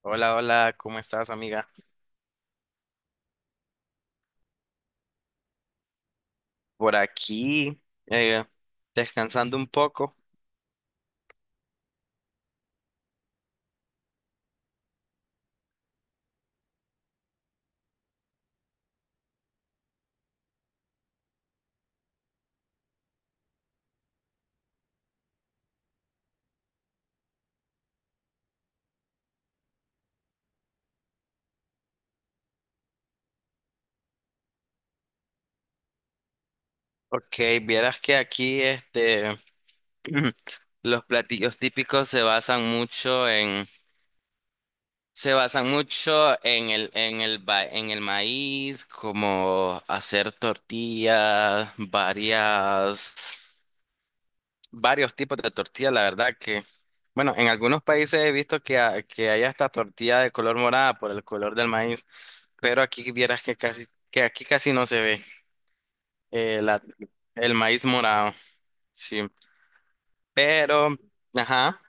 Hola, hola, ¿cómo estás, amiga? Por aquí, eh, descansando un poco. Ok, vieras que aquí los platillos típicos se basan mucho se basan mucho en en el maíz, como hacer tortillas, varias. Varios tipos de tortilla, la verdad que, bueno, en algunos países he visto que hay hasta tortilla de color morada por el color del maíz, pero aquí vieras que que aquí casi no se ve eh, la- el maíz morado, sí, pero, ajá,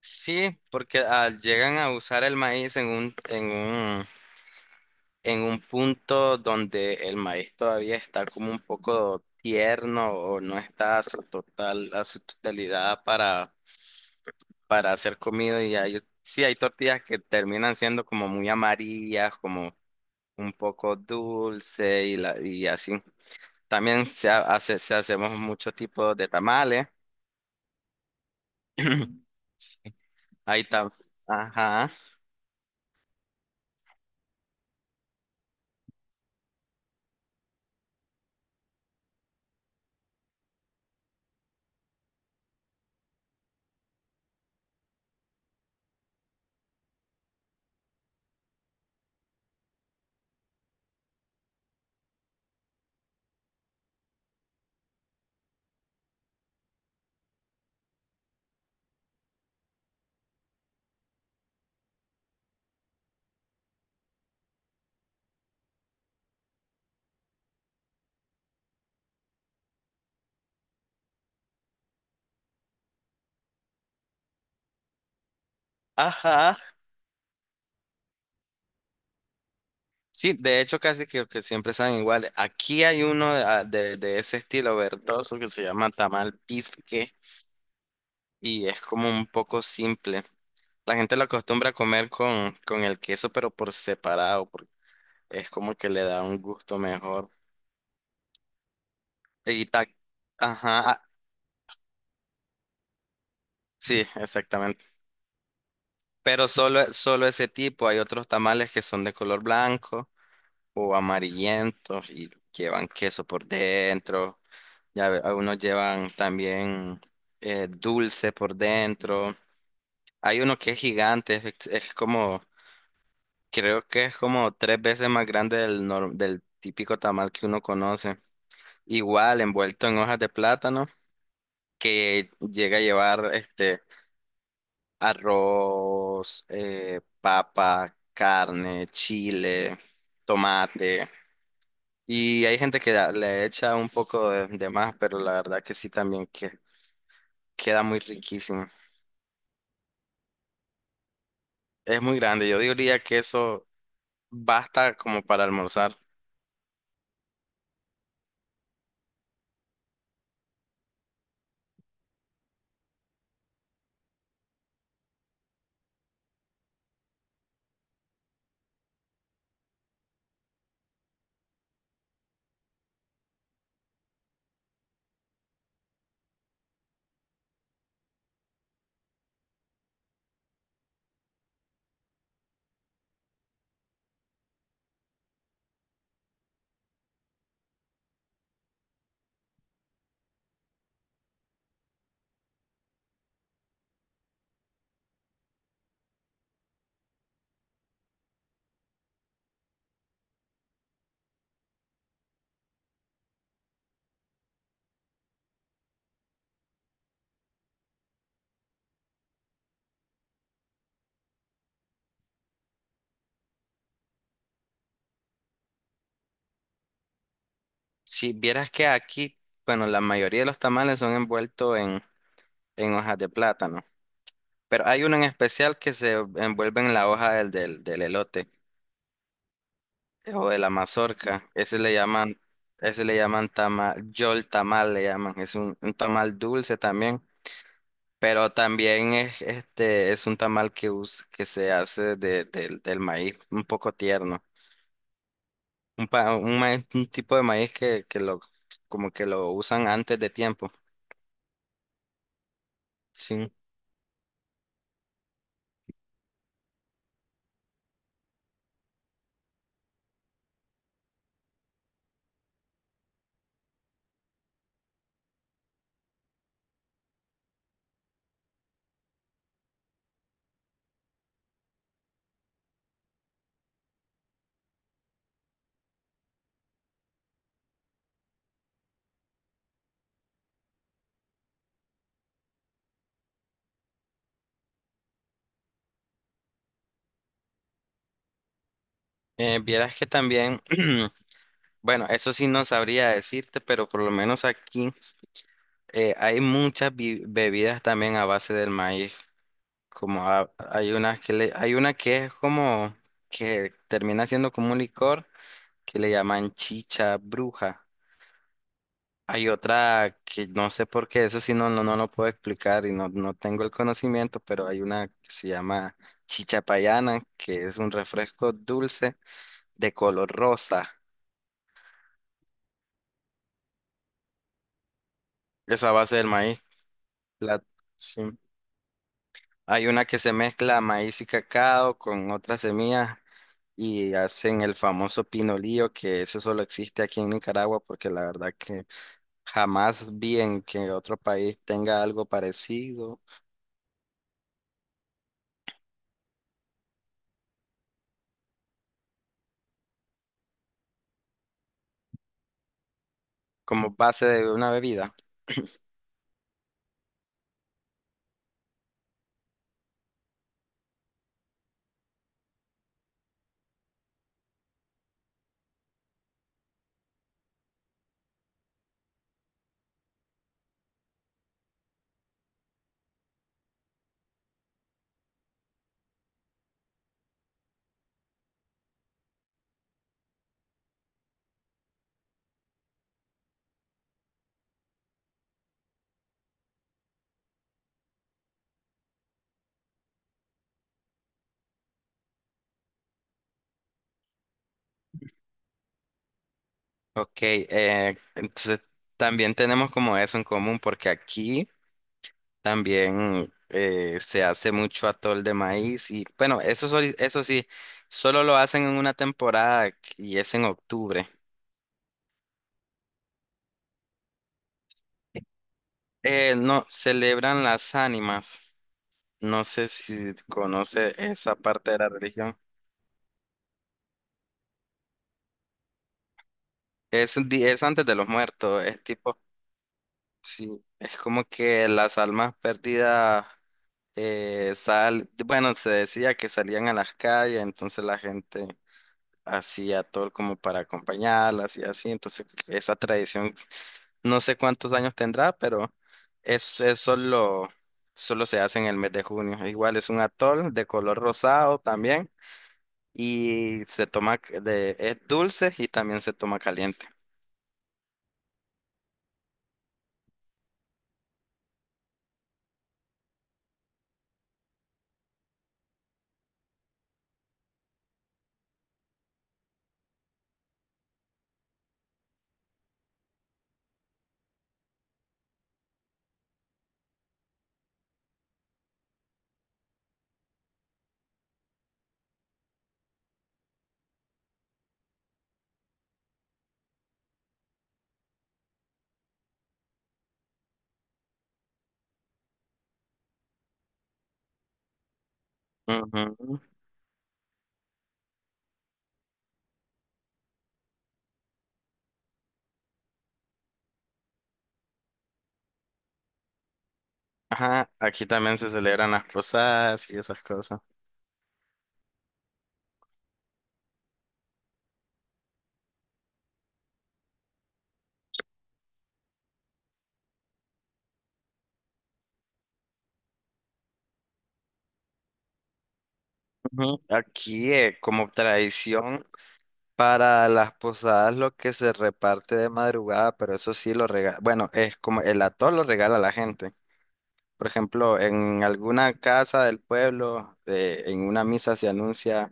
sí, porque llegan a usar el maíz en en un punto donde el maíz todavía está como un poco tierno o no está a su a su totalidad para hacer comida y ya yo sí, hay tortillas que terminan siendo como muy amarillas, como un poco dulce y así. También hace, se hacemos muchos tipos de tamales. Sí, ahí está. Ajá. Ajá. Sí, de hecho casi que siempre saben iguales. Aquí hay uno de ese estilo verdoso que se llama tamal pisque y es como un poco simple. La gente lo acostumbra a comer con el queso, pero por separado. Es como que le da un gusto mejor. Y ta- ajá, ah, sí, exactamente. Pero solo ese tipo, hay otros tamales que son de color blanco o amarillentos y llevan queso por dentro. Algunos llevan también dulce por dentro. Hay uno que es gigante, es como, creo que es como tres veces más grande del, nor- del típico tamal que uno conoce. Igual envuelto en hojas de plátano que llega a llevar este. Arroz, papa, carne, chile, tomate. Y hay gente le echa un poco de más, pero la verdad que sí también que queda muy riquísimo. Es muy grande. Yo diría que eso basta como para almorzar. Si vieras que aquí, bueno, la mayoría de los tamales son envueltos en hojas de plátano. Pero hay uno en especial que se envuelve en la hoja del elote. O de la mazorca. Ese le llaman tamal, yol tamal le llaman. Es un tamal dulce también. Pero también es, este, es un tamal que se hace de, del del maíz, un poco tierno. Un tipo de maíz que lo, como que lo usan antes de tiempo. Sí. Vieras que también, bueno, eso sí no sabría decirte, pero por lo menos aquí hay muchas bebidas también a base del maíz. Hay una que hay una que es como que termina siendo como un licor que le llaman chicha bruja. Hay otra que no sé por qué, eso sí no lo puedo explicar y no tengo el conocimiento, pero hay una que se llama chicha payana, que es un refresco dulce de color rosa. Esa base del maíz. La, sí. Hay una que se mezcla maíz y cacao con otras semillas y hacen el famoso pinolillo, que ese solo existe aquí en Nicaragua, porque la verdad que jamás vi en que otro país tenga algo parecido como base de una bebida. Ok, entonces también tenemos como eso en común, porque aquí también se hace mucho atol de maíz y bueno, eso, eso sí, solo lo hacen en una temporada y es en octubre. No, celebran las ánimas. No sé si conoce esa parte de la religión. Es antes de los muertos, es tipo, sí, es como que las almas perdidas bueno, se decía que salían a las calles, entonces la gente hacía todo como para acompañarlas y así, entonces esa tradición, no sé cuántos años tendrá, pero es solo, solo se hace en el mes de junio. Igual es un atol de color rosado también. Y se toma es dulce y también se toma caliente. Ujú. Ajá, aquí también se celebran las posadas y esas cosas. Ujú. Aquí, como tradición para las posadas, lo que se reparte de madrugada, pero eso sí lo regala. Bueno, es como el atol lo regala a la gente. Por ejemplo, en alguna casa del pueblo, en una misa se anuncia.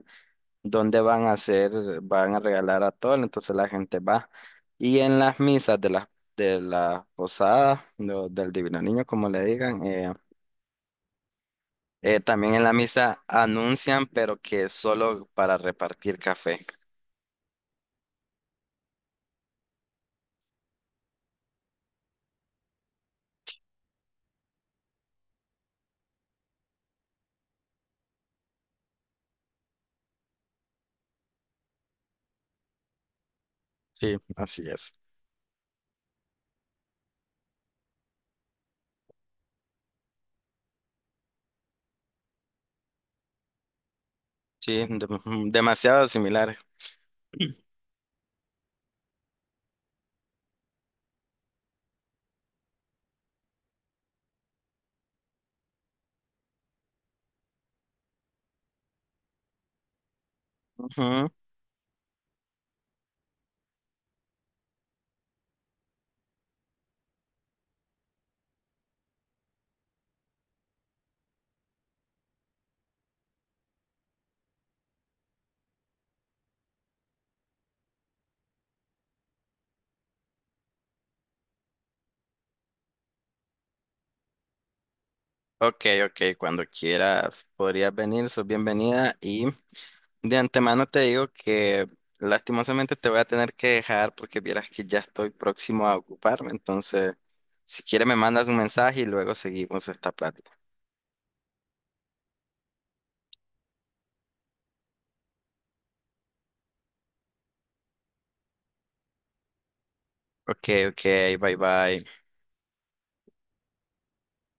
Donde van a hacer, van a regalar atol, entonces la gente va. Y en las misas de la posada, del Divino Niño, como le digan, también en la misa anuncian, pero que solo para repartir café. Sí, así es. Sí, demasiado similar. Ujú. Ok, ok, cuando quieras podrías venir, sos bienvenida y de antemano te digo que lastimosamente te voy a tener que dejar porque vieras que ya estoy próximo a ocuparme. Entonces, si quieres me mandas un mensaje y luego seguimos esta plática. Ok, ok, bye bye.